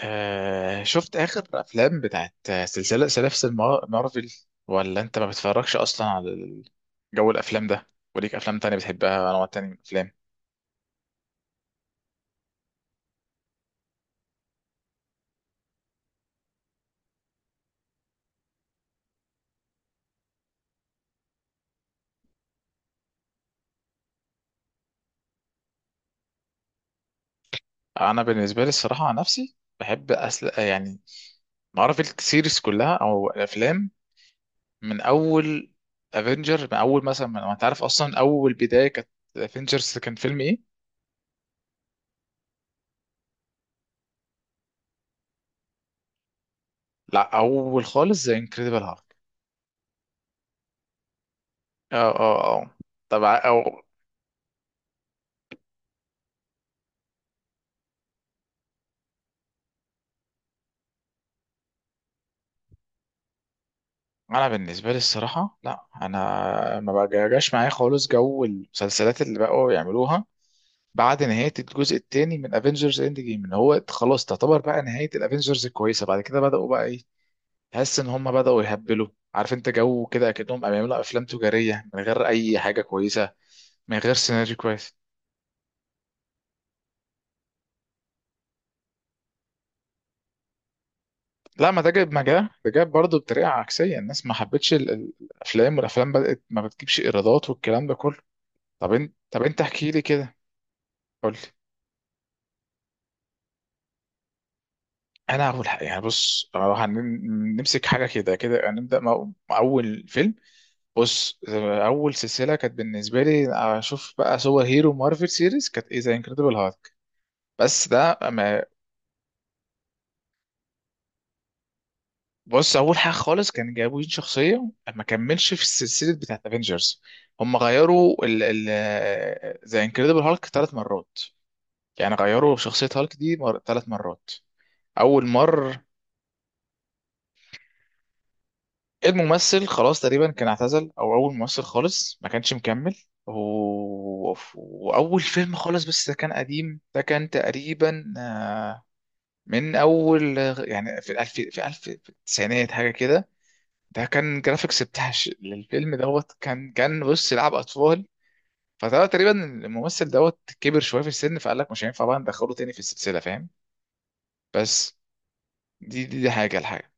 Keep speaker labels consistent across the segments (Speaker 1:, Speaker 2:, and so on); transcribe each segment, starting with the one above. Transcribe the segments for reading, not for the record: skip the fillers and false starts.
Speaker 1: آه، شفت آخر أفلام بتاعت سلاسل مارفل، ولا أنت ما بتتفرجش أصلا على جو الأفلام ده؟ وليك أفلام تانية بتحبها، أنواع تانية من الأفلام؟ أنا بالنسبة لي الصراحة، عن نفسي بحب يعني مارفل سيريز كلها أو الأفلام، من أول من أول مثلا أنت عارف أصلا أول بداية كانت افنجرز، كان فيلم إيه؟ لا، أول خالص زي انكريدبل هالك. اه، اه، اه، طبعا. انا بالنسبه لي الصراحه لا، انا ما بجاش معايا خالص جو المسلسلات اللي بقوا يعملوها بعد نهايه الجزء الثاني من افنجرز اند جيم. ان هو خلاص تعتبر بقى نهايه الافنجرز الكويسه، بعد كده بداوا بقى ايه، تحس ان هم بداوا يهبلوا. عارف انت جو كده اكنهم بيعملوا افلام تجاريه من غير اي حاجه كويسه، من غير سيناريو كويس. لا، ما ده جاب، ما جاب ده جاب برضه بطريقه عكسيه، الناس ما حبتش الافلام، والافلام بدات ما بتجيبش ايرادات والكلام ده كله. طب انت احكي لي كده. قول. انا هقول حق. يعني بص، لو هنمسك حاجه كده كده هنبدا مع اول فيلم. بص، اول سلسله كانت بالنسبه لي اشوف بقى سوبر هيرو مارفل سيريز كانت ايه؟ زي انكريدبل هالك. بس ده ما بص، اول حاجه خالص كان جابوا شخصيه ما كملش في السلسله بتاعت افنجرز. هم غيروا ال زي انكريدبل هالك ثلاث مرات، يعني غيروا شخصيه هالك دي ثلاث مرات. اول مره الممثل خلاص تقريبا كان اعتزل، او اول ممثل خالص ما كانش مكمل و... واول فيلم خالص، بس ده كان قديم، ده كان تقريبا من اول يعني في الالف في الف في التسعينات حاجه كده. ده كان جرافيكس بتاع للفيلم دوت، كان بص، لعب اطفال. فده تقريبا الممثل دوت كبر شويه في السن، فقال لك مش هينفع بقى ندخله تاني في السلسله، فاهم؟ بس دي الحاجه.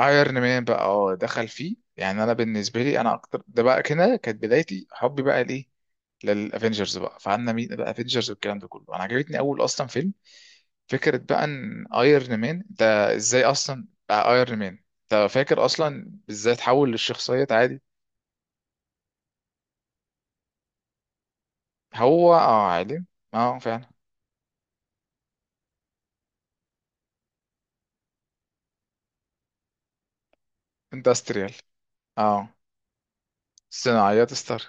Speaker 1: ايرون مان بقى دخل فيه، يعني انا بالنسبه لي انا اكتر ده بقى كده كانت بدايتي حبي بقى ليه للافنجرز بقى، فعنا مين بقى افنجرز والكلام ده كله. انا عجبتني اول اصلا فيلم، فكره بقى ان ايرون مان ده ازاي اصلا بقى ايرون مان. انت فاكر اصلا ازاي اتحول للشخصيه عادي؟ هو اه، عالم. اه، فعلا. اندستريال. اه، صناعيات ستار.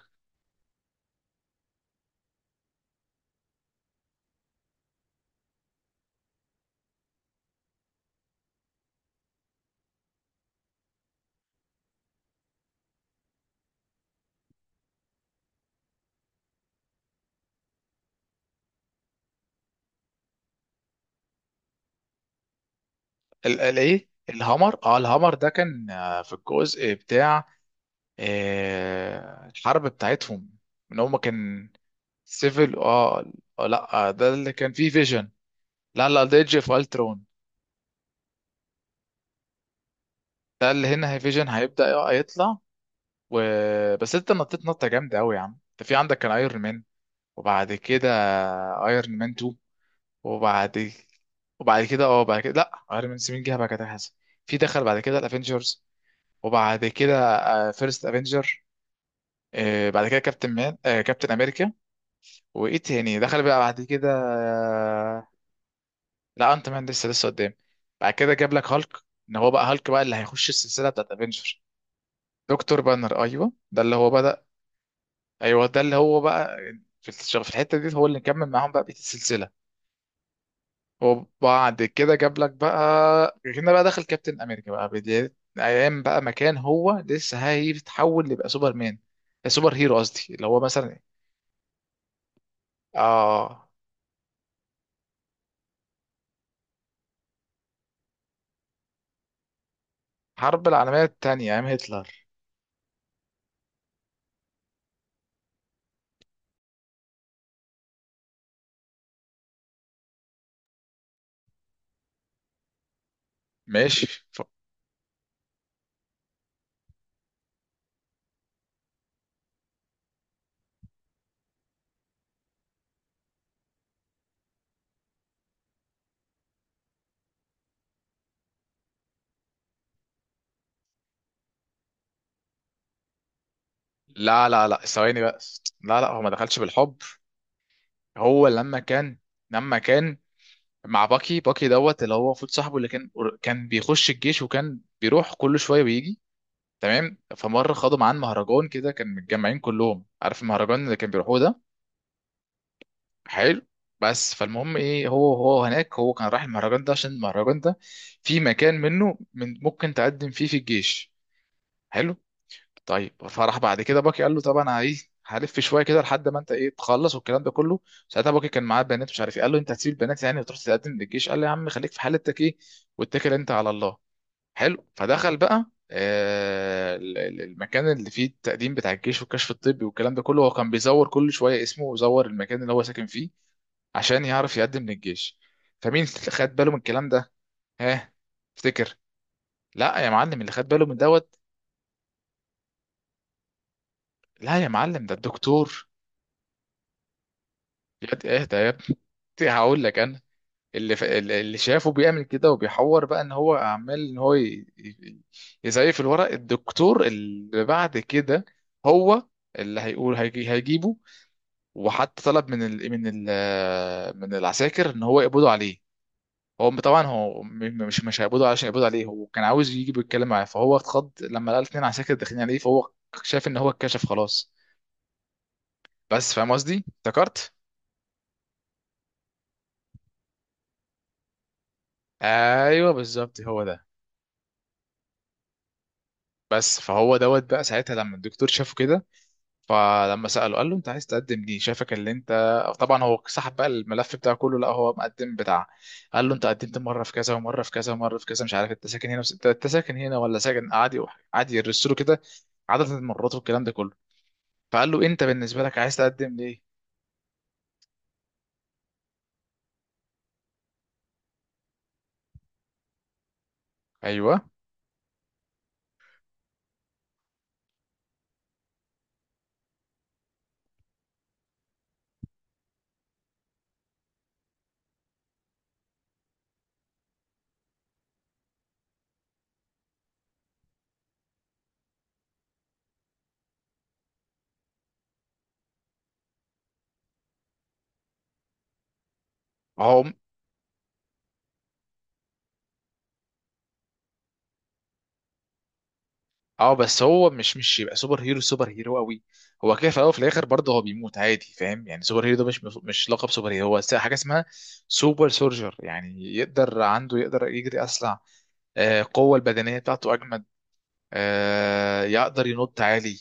Speaker 1: الايه، الهامر ده كان في الجزء بتاع آه، الحرب بتاعتهم، ان هم كان. سيفل، اه. لا، ده اللي كان فيه فيجن. لا، لا، ده ايدج اوف الترون. ده اللي هنا هي فيجن هيبدأ يطلع و... بس انت نطيت نطة جامدة قوي يا عم. انت في عندك كان ايرون مان، وبعد كده ايرون مان 2، وبعد وبعد كده بعد كده، لا، ايرون مان 7 جه بعد كده حسن. في دخل بعد كده الافنجرز، وبعد كده فيرست افنجر، بعد كده كابتن مان آه، كابتن امريكا. وايه تاني دخل بقى بعد كده؟ لا، انت مان لسه قدام. بعد كده جاب لك هالك، ان هو بقى هالك بقى اللي هيخش السلسله بتاعت افنجر. دكتور بانر، ايوه، ده اللي هو بدا. ايوه، ده اللي هو بقى في الشغل، في الحته دي هو اللي كمل معاهم بقى بقيه السلسله. وبعد كده جاب لك بقى هنا بقى دخل كابتن امريكا بقى، بدايه ايام بقى مكان هو لسه هيتحول يبقى سوبر مان، سوبر هيرو قصدي، اللي هو مثلا. اه. حرب العالميه الثانيه ايام هتلر. ماشي. لا، لا، لا، ثواني بقى. لا، لا، هو ما دخلش بالحب. هو لما كان لما كان مع باكي دوت اللي هو المفروض صاحبه، اللي كان كان بيخش الجيش وكان بيروح كل شويه ويجي. تمام، فمره خدوا معاه مهرجان كده، كان متجمعين كلهم، عارف المهرجان اللي كان بيروحوه ده. حلو. بس فالمهم ايه، هو هو هناك هو كان رايح المهرجان ده عشان المهرجان ده في مكان منه من ممكن تقدم فيه في الجيش. حلو. طيب، فراح بعد كده باكي قال له طب انا ايه، هلف شويه كده لحد ما انت ايه تخلص والكلام ده كله. ساعتها باكي كان معاه بنات مش عارف ايه، قال له انت هتسيب البنات يعني وتروح تقدم للجيش؟ قال له يا عم خليك في حالتك ايه، واتكل انت على الله. حلو. فدخل بقى آه، المكان اللي فيه التقديم بتاع الجيش والكشف الطبي والكلام ده كله. هو كان بيزور كل شويه اسمه ويزور المكان اللي هو ساكن فيه عشان يعرف يقدم للجيش. فمين اللي خد باله من الكلام ده؟ ها؟ افتكر. لا يا معلم، اللي خد باله من دوت. لا يا معلم، ده الدكتور. اهدى، هقول لك انا. اللي شافه بيعمل كده وبيحور بقى ان هو عمال ان هو يزيف الورق، الدكتور. اللي بعد كده هو اللي هيقول، هيجيبه وحتى طلب من العساكر ان هو يقبضوا عليه. هو طبعا هو م- م- مش مش هيقبضوا، علشان يقبضوا عليه هو كان عاوز يجي بيتكلم معاه. فهو اتخض لما لقى اتنين عساكر داخلين عليه، فهو شاف ان هو اتكشف خلاص. بس فاهم قصدي، افتكرت. ايوه بالظبط هو ده. بس فهو دوت بقى ساعتها لما الدكتور شافه كده، فلما سأله قال له انت عايز تقدم ليه شايفك اللي انت. طبعا هو سحب بقى الملف بتاعه كله، لا هو مقدم بتاع. قال له انت قدمت مره في كذا ومره في كذا ومره في كذا، مش عارف انت ساكن هنا انت ساكن هنا ولا ساكن عادي، عادي يرسله كده، عدد المرات والكلام ده كله. فقال له انت بالنسبه لك عايز تقدم ليه؟ ايوه. هو اه، بس هو مش يبقى سوبر هيرو، سوبر هيرو قوي. هو كده في الاول وفي الاخر برضه هو بيموت عادي، فاهم؟ يعني سوبر هيرو ده مش مش لقب سوبر هيرو، هو حاجه اسمها سوبر سولجر، يعني يقدر، عنده يقدر يجري اسرع، آه، القوه البدنيه بتاعته اجمد، آه، يقدر ينط عالي،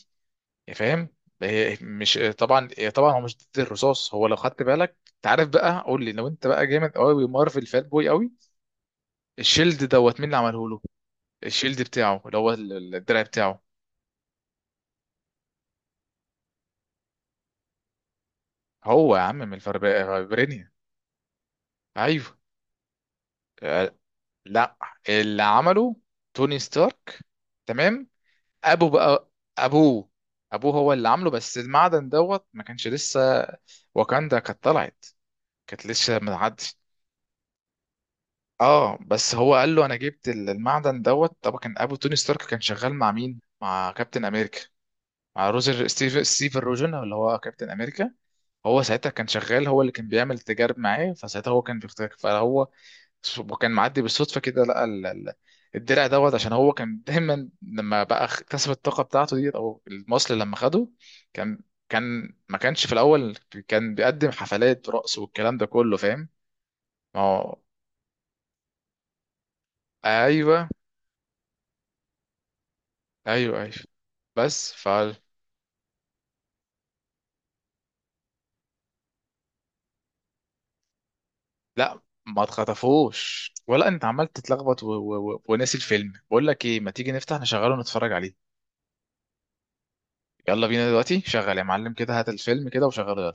Speaker 1: فاهم؟ مش طبعا، طبعا هو مش ضد الرصاص. هو لو خدت بالك انت عارف بقى، قول لي لو انت بقى جامد قوي مارفل فات بوي قوي، الشيلد دوت مين اللي عمله له؟ الشيلد بتاعه اللي هو الدرع بتاعه. هو يا عم من فبرينيا. ايوه. آه، لا، اللي عمله توني ستارك. تمام. ابو بقى ابوه ابوه هو اللي عامله، بس المعدن دوت ما كانش لسه واكاندا كانت طلعت، كانت لسه ما عدش. اه، بس هو قال له انا جبت المعدن دوت. طبعا كان ابو توني ستارك كان شغال مع مين؟ مع كابتن امريكا، مع روزر ستيف ستيفن روجن اللي هو كابتن امريكا. هو ساعتها كان شغال، هو اللي كان بيعمل تجارب معاه، فساعتها هو كان بيختار، فهو وكان معدي بالصدفه كده لقى الدرع دوت. عشان هو كان دايما لما بقى اكتسب الطاقه بتاعته ديت او المصل لما خده، كان ما كانش في الاول، كان بيقدم حفلات رقص والكلام ده كله، فاهم؟ ما هو، ايوه. ايوه، ايوه، بس. لا، ما اتخطفوش، ولا انت عمال تتلخبط وناسي الفيلم، بقول لك ايه، ما تيجي نفتح نشغله ونتفرج عليه. يلا بينا، دلوقتي شغل يا معلم كده، هات الفيلم كده وشغله، يلا.